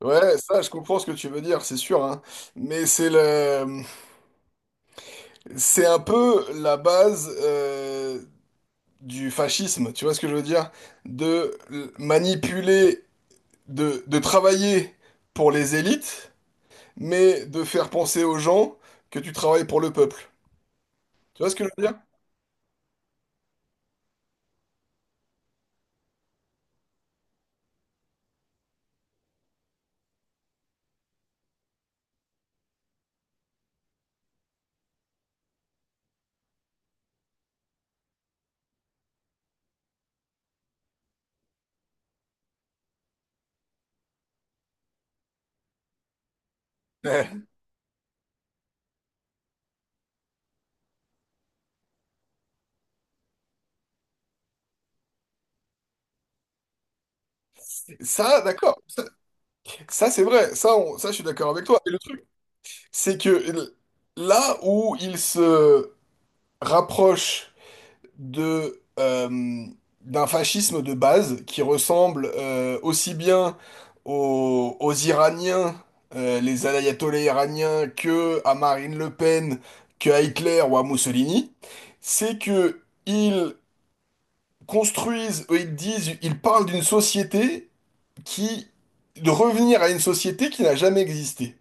Ouais, ça, je comprends ce que tu veux dire, c'est sûr, hein. Mais c'est un peu la base du fascisme, tu vois ce que je veux dire? Manipuler, de travailler pour les élites, mais de faire penser aux gens que tu travailles pour le peuple. Tu vois ce que je veux dire? Ouais. Ça, d'accord. Ça, c'est vrai. Ça, je suis d'accord avec toi. Et le truc, c'est que l- là où ils se rapprochent de d'un fascisme de base qui ressemble aussi bien aux Iraniens, les ayatollahs iraniens, que à Marine Le Pen, que à Hitler ou à Mussolini, c'est que ils construisent, ils parlent d'une société qui de revenir à une société qui n'a jamais existé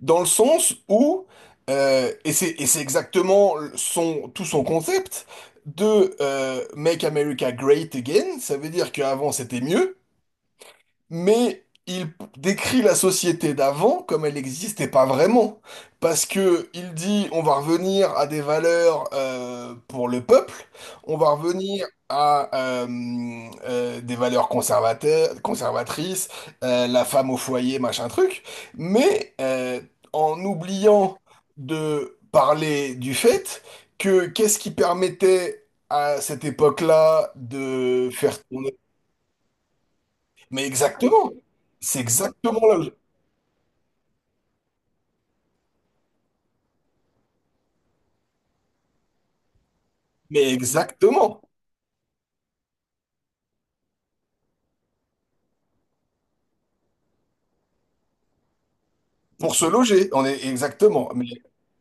dans le sens où, et c'est exactement son, tout son concept de Make America Great Again, ça veut dire qu'avant c'était mieux, mais il décrit la société d'avant comme elle n'existait pas vraiment. Parce que il dit on va revenir à des valeurs pour le peuple, on va revenir à des valeurs conservateurs, conservatrices, la femme au foyer, machin truc, mais en oubliant de parler du fait que qu'est-ce qui permettait à cette époque-là de faire tourner. Mais exactement. C'est exactement là. Mais exactement. Pour se loger, on est exactement. Mais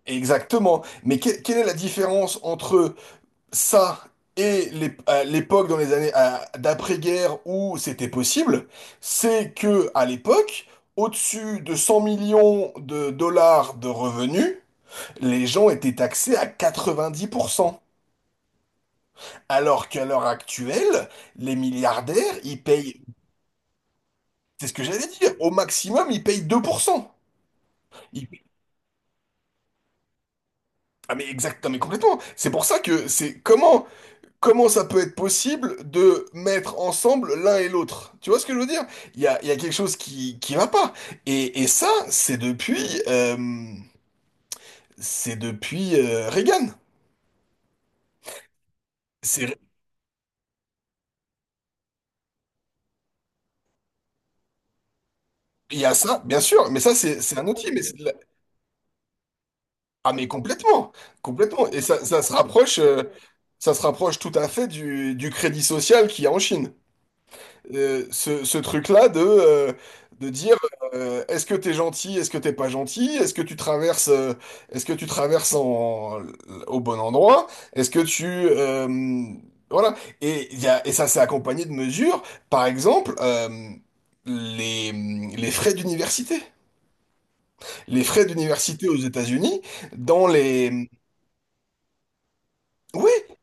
exactement. Quelle est la différence entre ça et à l'époque dans d'après-guerre où c'était possible? C'est que à l'époque, au-dessus de 100 millions de dollars de revenus, les gens étaient taxés à 90%. Alors qu'à l'heure actuelle, les milliardaires, ils payent. C'est ce que j'allais dire. Au maximum, ils payent 2%. Ils- Ah mais exact, non, mais complètement. C'est pour ça que c'est comment comment ça peut être possible de mettre ensemble l'un et l'autre. Tu vois ce que je veux dire? Il y a quelque chose qui va pas. Et ça, c'est depuis Reagan. C'est il y a ça, bien sûr, mais ça c'est un outil, mais ah mais complètement, complètement. Et ça se rapproche ça se rapproche tout à fait du crédit social qu'il y a en Chine. Ce truc-là de dire est-ce que t'es gentil, est-ce que t'es pas gentil, est-ce que tu traverses, est-ce que tu traverses en, au bon endroit, est-ce que tu voilà. Et ça s'est accompagné de mesures, par exemple les, les frais d'université, les frais d'université aux États-Unis dans les. Oui,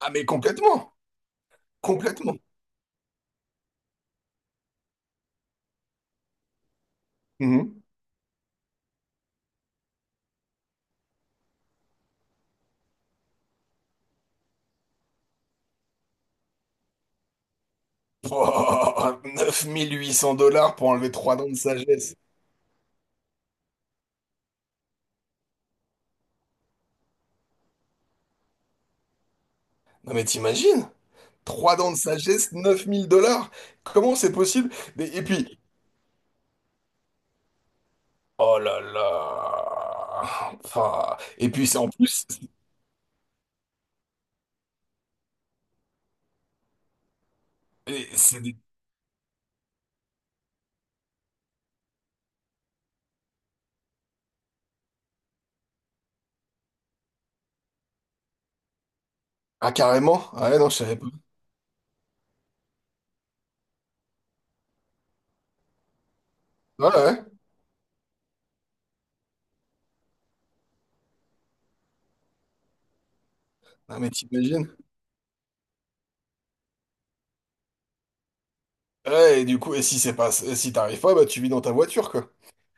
ah mais complètement complètement. Mhm. Oh, 9 800 dollars pour enlever trois dents de sagesse. Non mais t'imagines? Trois dents de sagesse, 9 000 dollars. Comment c'est possible? Et et puis, oh là là. Enfin, et puis c'est en plus, c'est des... Ah carrément? Ah ouais, non, je savais pas. Ouais, ouais. Non mais t'imagines? Ouais, et du coup, et si c'est pas, si t'arrives pas, bah tu vis dans ta voiture, quoi.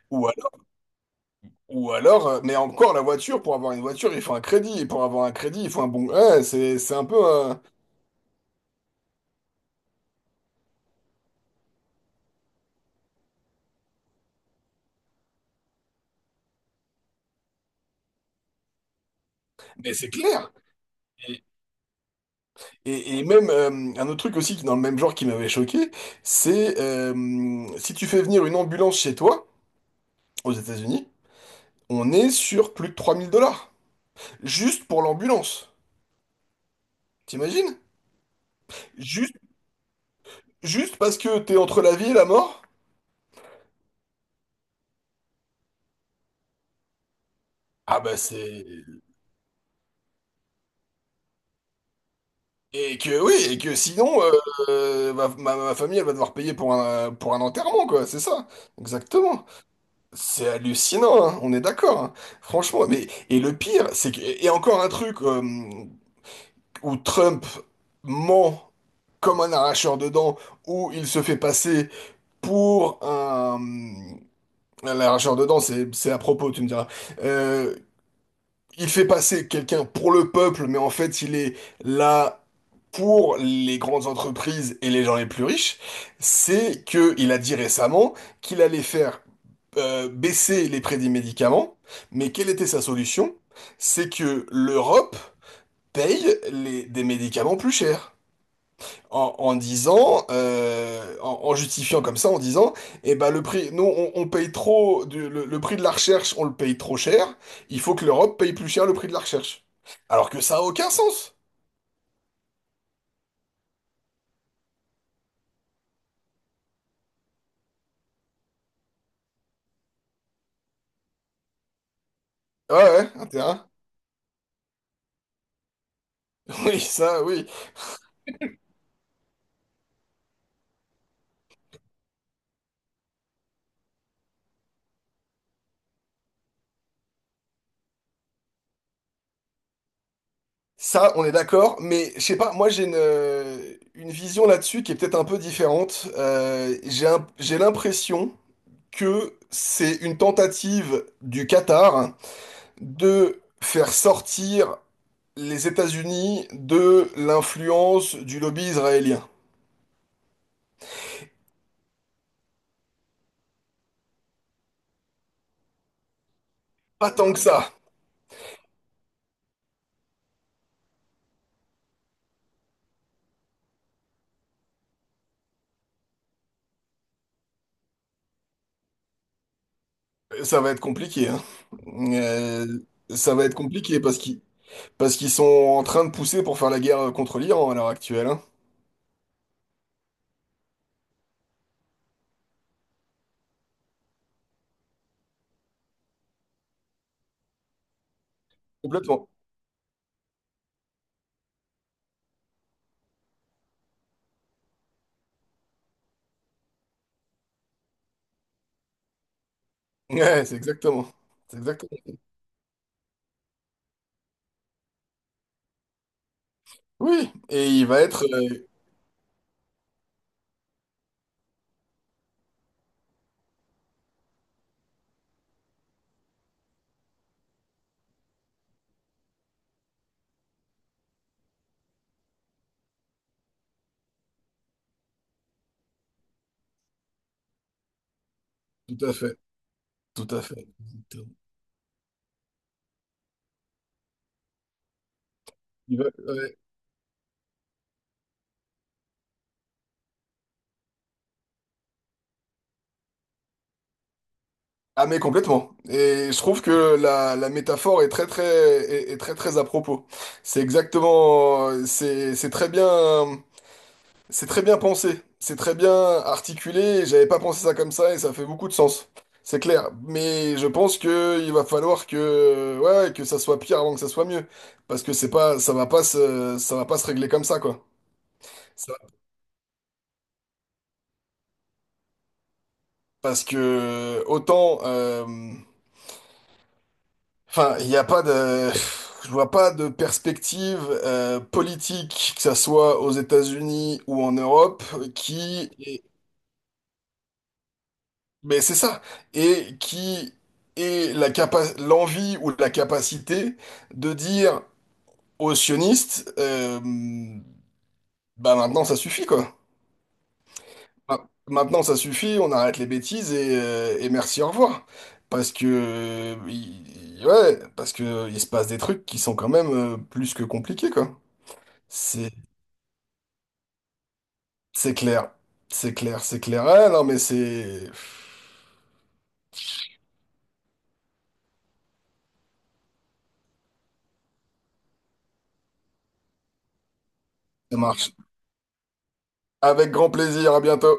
Ou alors, ou alors, mais encore la voiture, pour avoir une voiture, il faut un crédit. Et pour avoir un crédit, il faut un bon. Ouais, c'est un peu. Mais c'est clair. Et même un autre truc aussi qui dans le même genre qui m'avait choqué, c'est si tu fais venir une ambulance chez toi, aux États-Unis, on est sur plus de 3 000 dollars. Juste pour l'ambulance. T'imagines? Juste, juste parce que t'es entre la vie et la mort? Ah bah c'est... Et que oui, et que sinon, ma famille, elle va devoir payer pour pour un enterrement, quoi, c'est ça. Exactement. C'est hallucinant, hein, on est d'accord. Hein. Franchement, mais... Et le pire, c'est que... Et encore un truc... où Trump ment comme un arracheur de dents, où il se fait passer pour un arracheur de dents, c'est à propos, tu me diras. Euh, il fait passer quelqu'un pour le peuple, mais en fait, il est là pour les grandes entreprises et les gens les plus riches. C'est que il a dit récemment qu'il allait faire baisser les prix des médicaments, mais quelle était sa solution? C'est que l'Europe paye des médicaments plus chers en justifiant comme ça, en disant, eh ben le prix, nous on paye trop, le prix de la recherche, on le paye trop cher, il faut que l'Europe paye plus cher le prix de la recherche. Alors que ça a aucun sens. Ouais, ouais, hein, t'es oui. Ça, on est d'accord, mais je sais pas, moi j'ai une vision là-dessus qui est peut-être un peu différente. J'ai l'impression que c'est une tentative du Qatar de faire sortir les États-Unis de l'influence du lobby israélien. Pas tant que ça. Ça va être compliqué, hein. Euh, ça va être compliqué parce qu'ils sont en train de pousser pour faire la guerre contre l'Iran à l'heure actuelle, hein. Complètement. Ouais, c'est exactement. C'est exactement. Oui, et il va être... tout à fait. Tout à fait. Ouais. Ah mais complètement. Et je trouve que la métaphore est très très à propos. C'est exactement c'est très bien. C'est très bien pensé, c'est très bien articulé, et j'avais pas pensé ça comme ça et ça fait beaucoup de sens. C'est clair, mais je pense que il va falloir que ouais, ouais, que ça soit pire avant que ça soit mieux parce que c'est pas ça va pas se ça va pas se régler comme ça quoi. Ça- Parce que autant enfin, il n'y a pas de je vois pas de perspective politique que ça soit aux États-Unis ou en Europe qui. Mais c'est ça. Et qui est l'envie ou la capacité de dire aux sionistes, bah maintenant ça suffit quoi. Maintenant ça suffit, on arrête les bêtises et merci, au revoir. Parce que, ouais, parce que il se passe des trucs qui sont quand même plus que compliqués quoi. C'est, c'est clair. C'est clair, c'est clair. Ah, non mais c'est, ça marche. Avec grand plaisir, à bientôt.